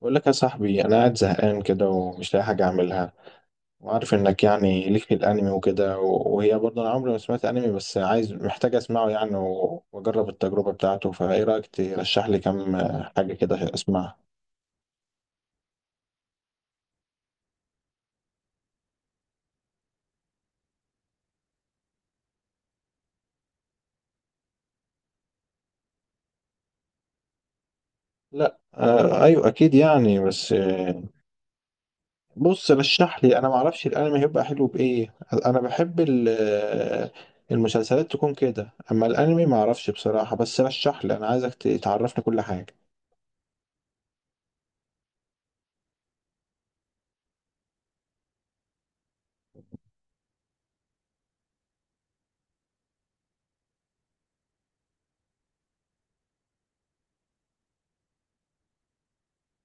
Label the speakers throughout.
Speaker 1: بقول لك يا صاحبي انا قاعد زهقان كده ومش لاقي حاجه اعملها. وعارف انك يعني ليك في الانمي وكده، وهي برضه انا عمري ما سمعت انمي، بس عايز محتاج اسمعه يعني. واجرب التجربه بتاعته، فايه رايك ترشح لي كام حاجه كده اسمعها. لا، آه، ايوه اكيد يعني، بس آه. بص رشح لي، انا ما اعرفش الانمي هيبقى حلو بايه. انا بحب المسلسلات تكون كده، اما الانمي ما اعرفش بصراحه. بس رشح لي، انا عايزك تعرفني كل حاجه.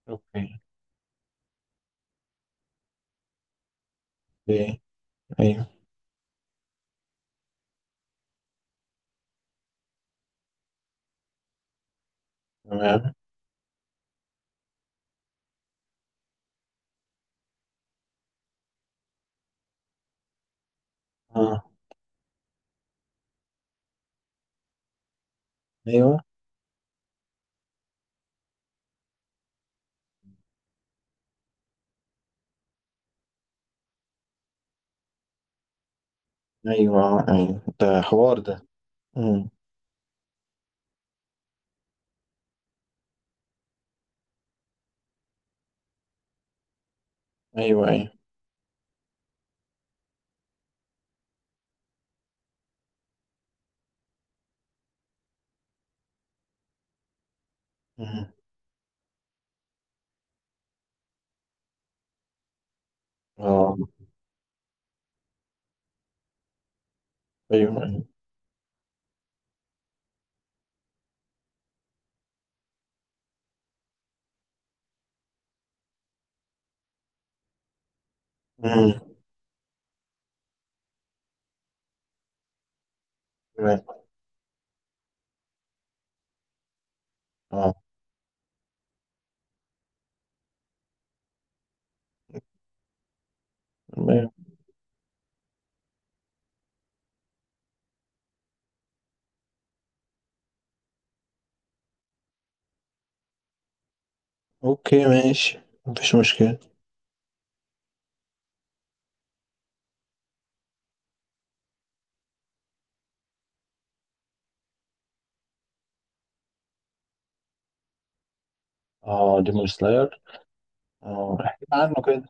Speaker 1: اوكي. ايه. ايوه. تمام. اه، ايوه، ايوه. آه، ايوه، ده حوار ده. امم. ايوه، ايوه. امم. اه، ايوه، ايوه. امم. تمام. اه. تمام. اوكي، ماشي. مفيش مشكلة. اه، ديمون سلاير. اه، احكي لي عنه كده.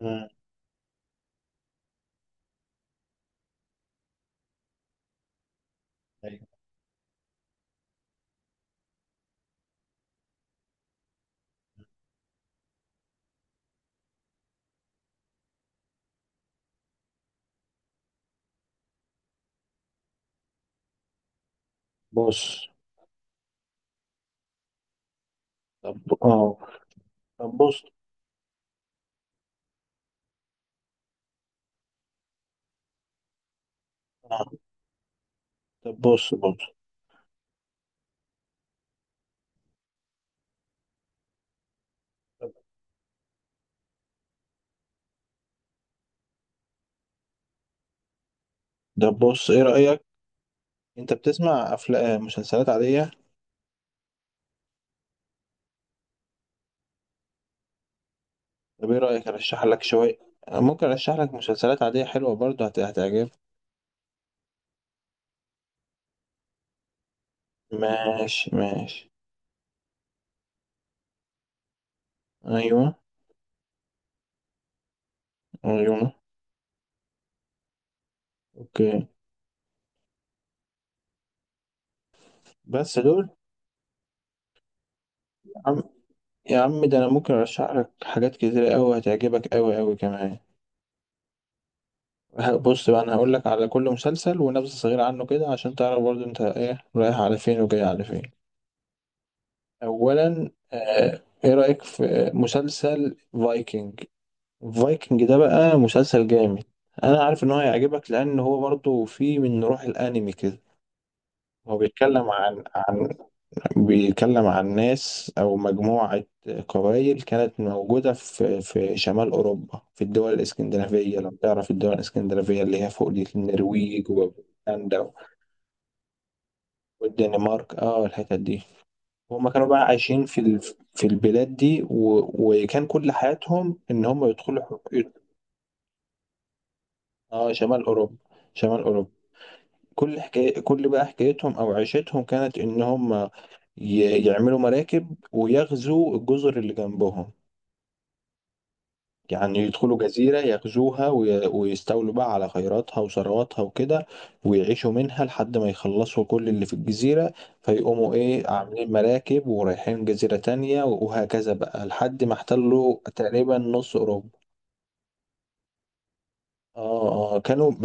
Speaker 1: امم. ايوه. بص. طب. اه. طب بص. اه. طب بص بص. ده بص، ايه رأيك، انت بتسمع افلام مسلسلات عادية؟ طب ايه رأيك ارشح لك شوية؟ ممكن ارشح لك مسلسلات عادية حلوة برضه، هتعجبك. ماشي ماشي. ايوه ايوه. اوكي، بس دول؟ يا عم، يا عم ده انا ممكن ارشح لك حاجات كتيرة قوي، هتعجبك قوي قوي كمان. بص بقى، انا هقول لك على كل مسلسل ونبذة صغيرة عنه كده، عشان تعرف برضو انت ايه رايح على فين وجاي على فين. اولا، آه، ايه رايك في مسلسل فايكنج؟ فايكنج ده بقى مسلسل جامد. انا عارف ان هو هيعجبك، لان هو برضو فيه من روح الانمي كده. هو بيتكلم عن، بيتكلم عن ناس أو مجموعة قبائل كانت موجودة في شمال أوروبا، في الدول الإسكندنافية. لو تعرف الدول الإسكندنافية اللي هي فوق دي، النرويج وفنلندا والدنمارك، اه الحتت دي. هما كانوا بقى عايشين في البلاد دي، و... وكان كل حياتهم إن هما اه، شمال أوروبا، شمال أوروبا. كل حكاية، كل بقى حكايتهم أو عيشتهم، كانت إن هما ي... يعملوا مراكب ويغزوا الجزر اللي جنبهم. يعني يدخلوا جزيرة يغزوها ويستولوا بقى على خيراتها وثرواتها وكده، ويعيشوا منها لحد ما يخلصوا كل اللي في الجزيرة. فيقوموا ايه، عاملين مراكب ورايحين جزيرة تانية، وهكذا بقى لحد ما احتلوا تقريبا نص أوروبا. اه اه،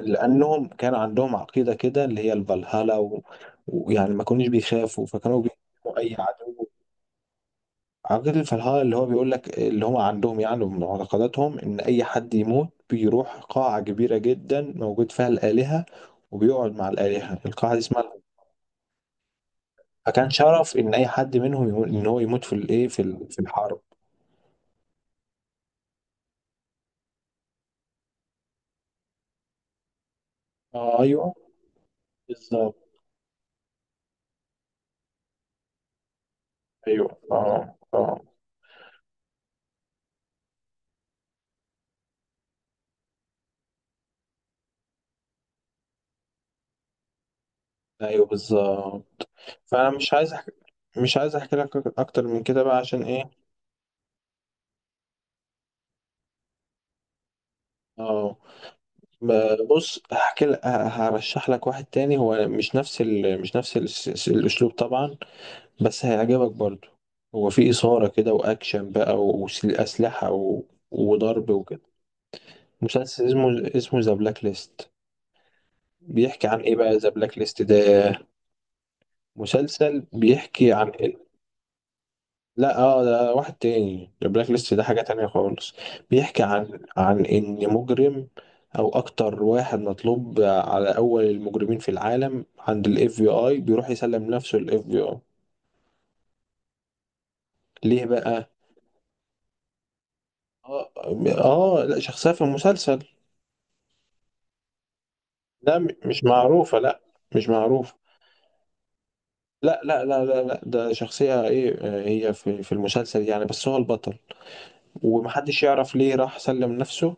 Speaker 1: لأنهم كان عندهم عقيدة كده، اللي هي الفالهالا، و- ويعني ما كانوش بيخافوا، فكانوا بيهزموا أي عدو. عقيدة الفلاحة اللي هو بيقول لك، اللي هم عندهم يعني من معتقداتهم، إن أي حد يموت بيروح قاعة كبيرة جدا موجود فيها الآلهة، وبيقعد مع الآلهة. القاعة دي اسمها، فكان شرف إن أي حد منهم يموت، إن هو يموت في الإيه، في الحرب. اه أيوه، بالظبط. أيوه أه أه. أيوه بالظبط. فأنا مش عايز أحكي، مش عايز أحكي لك أكتر من كده بقى، عشان إيه. أه، بص هحكي لك، هرشح لك واحد تاني. هو مش نفس الأسلوب طبعا، بس هيعجبك برضو. هو في إثارة كده، وأكشن بقى، وأسلحة، و... وضرب وكده. مسلسل اسمه ذا بلاك ليست. بيحكي عن إيه بقى ذا بلاك ليست ده؟ مسلسل بيحكي عن إيه؟ لا اه، ده واحد تاني، ذا بلاك ليست ده حاجة تانية خالص. بيحكي عن إن مجرم أو أكتر، واحد مطلوب على أول المجرمين في العالم، عند ال FBI بيروح يسلم نفسه لل FBI. ليه بقى؟ اه، آه، لا شخصية في المسلسل. لا، مش معروفة، لا، مش معروفة. لا لا لا لا لا، ده شخصية ايه، آه، هي في في المسلسل يعني، بس هو البطل ومحدش يعرف ليه راح سلم نفسه.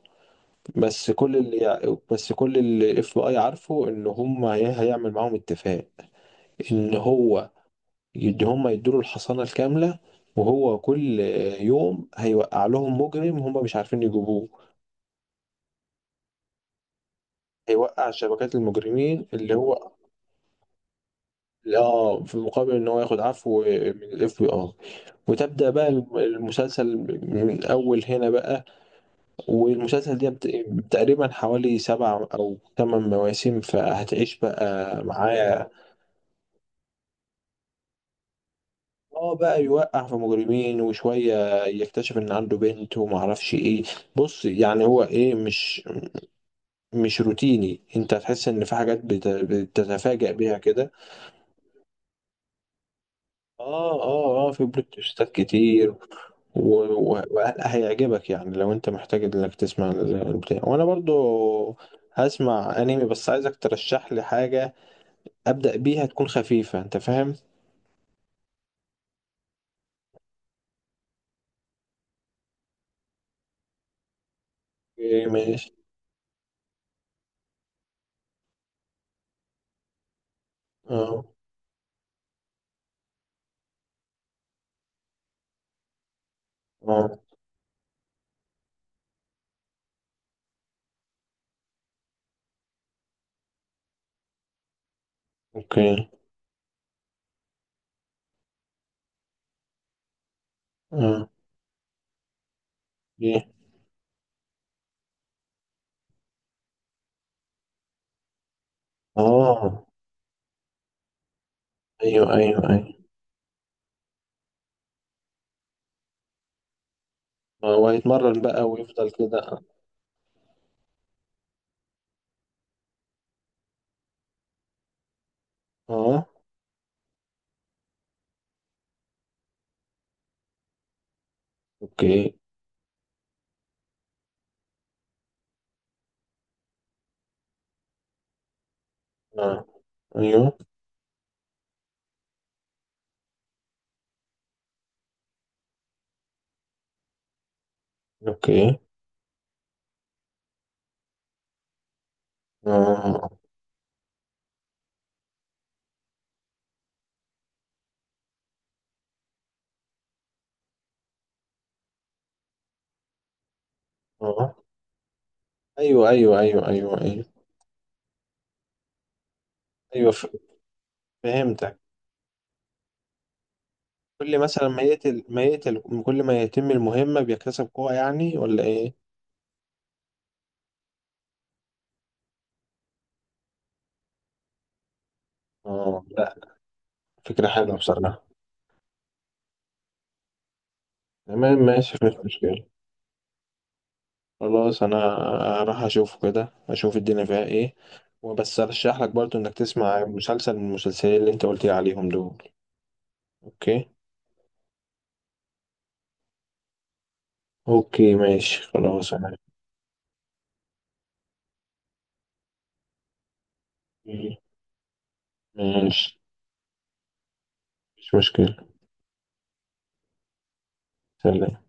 Speaker 1: بس كل بس كل الاف بي اي عارفه ان هم هيعمل معاهم اتفاق، ان هو يدي هم، يدوا له الحصانة الكاملة، وهو كل يوم هيوقع لهم مجرم هم مش عارفين يجيبوه. هيوقع شبكات المجرمين، اللي هو اه، في المقابل ان هو ياخد عفو من الاف بي اي. وتبدا بقى المسلسل من اول هنا بقى. والمسلسل ده تقريبا حوالي سبع او ثمان مواسم، فهتعيش بقى معاه. اه، بقى يوقع في مجرمين، وشويه يكتشف ان عنده بنت وما اعرفش ايه. بص يعني هو ايه، مش مش روتيني، انت هتحس ان في حاجات بتتفاجأ بيها كده. اه اه اه، في بلوت تويستات كتير. وهيعجبك يعني، لو انت محتاج انك تسمع البتاع. وانا برضو هسمع انمي، بس عايزك ترشح لي حاجة ابدأ بيها تكون خفيفة، انت فاهم. اوكي ماشي. اه. اه. اوكي. اه. ايه. اه. ايوه ايوه ايوه. اه، وهيتمرن بقى ويفضل كده. اه. اوكي. اه. ايوه. اوكي. اه. اه. ايوه ايوه ايوه ايوه ايوه ايوه. فهمتك. كل مثلا ما يقتل، كل ما يتم المهمة بيكتسب قوة يعني، ولا ايه؟ اه، لا، فكرة حلوة بصراحة. تمام ماشي، مفيش مشكلة. خلاص انا هروح اشوفه كده، اشوف الدنيا فيها ايه. وبس ارشح لك برضو انك تسمع مسلسل من المسلسلين اللي انت قلت لي عليهم دول. اوكي. اوكي ماشي، خلاص انا. إيه؟ ماشي. مفيش مشكلة. سلام.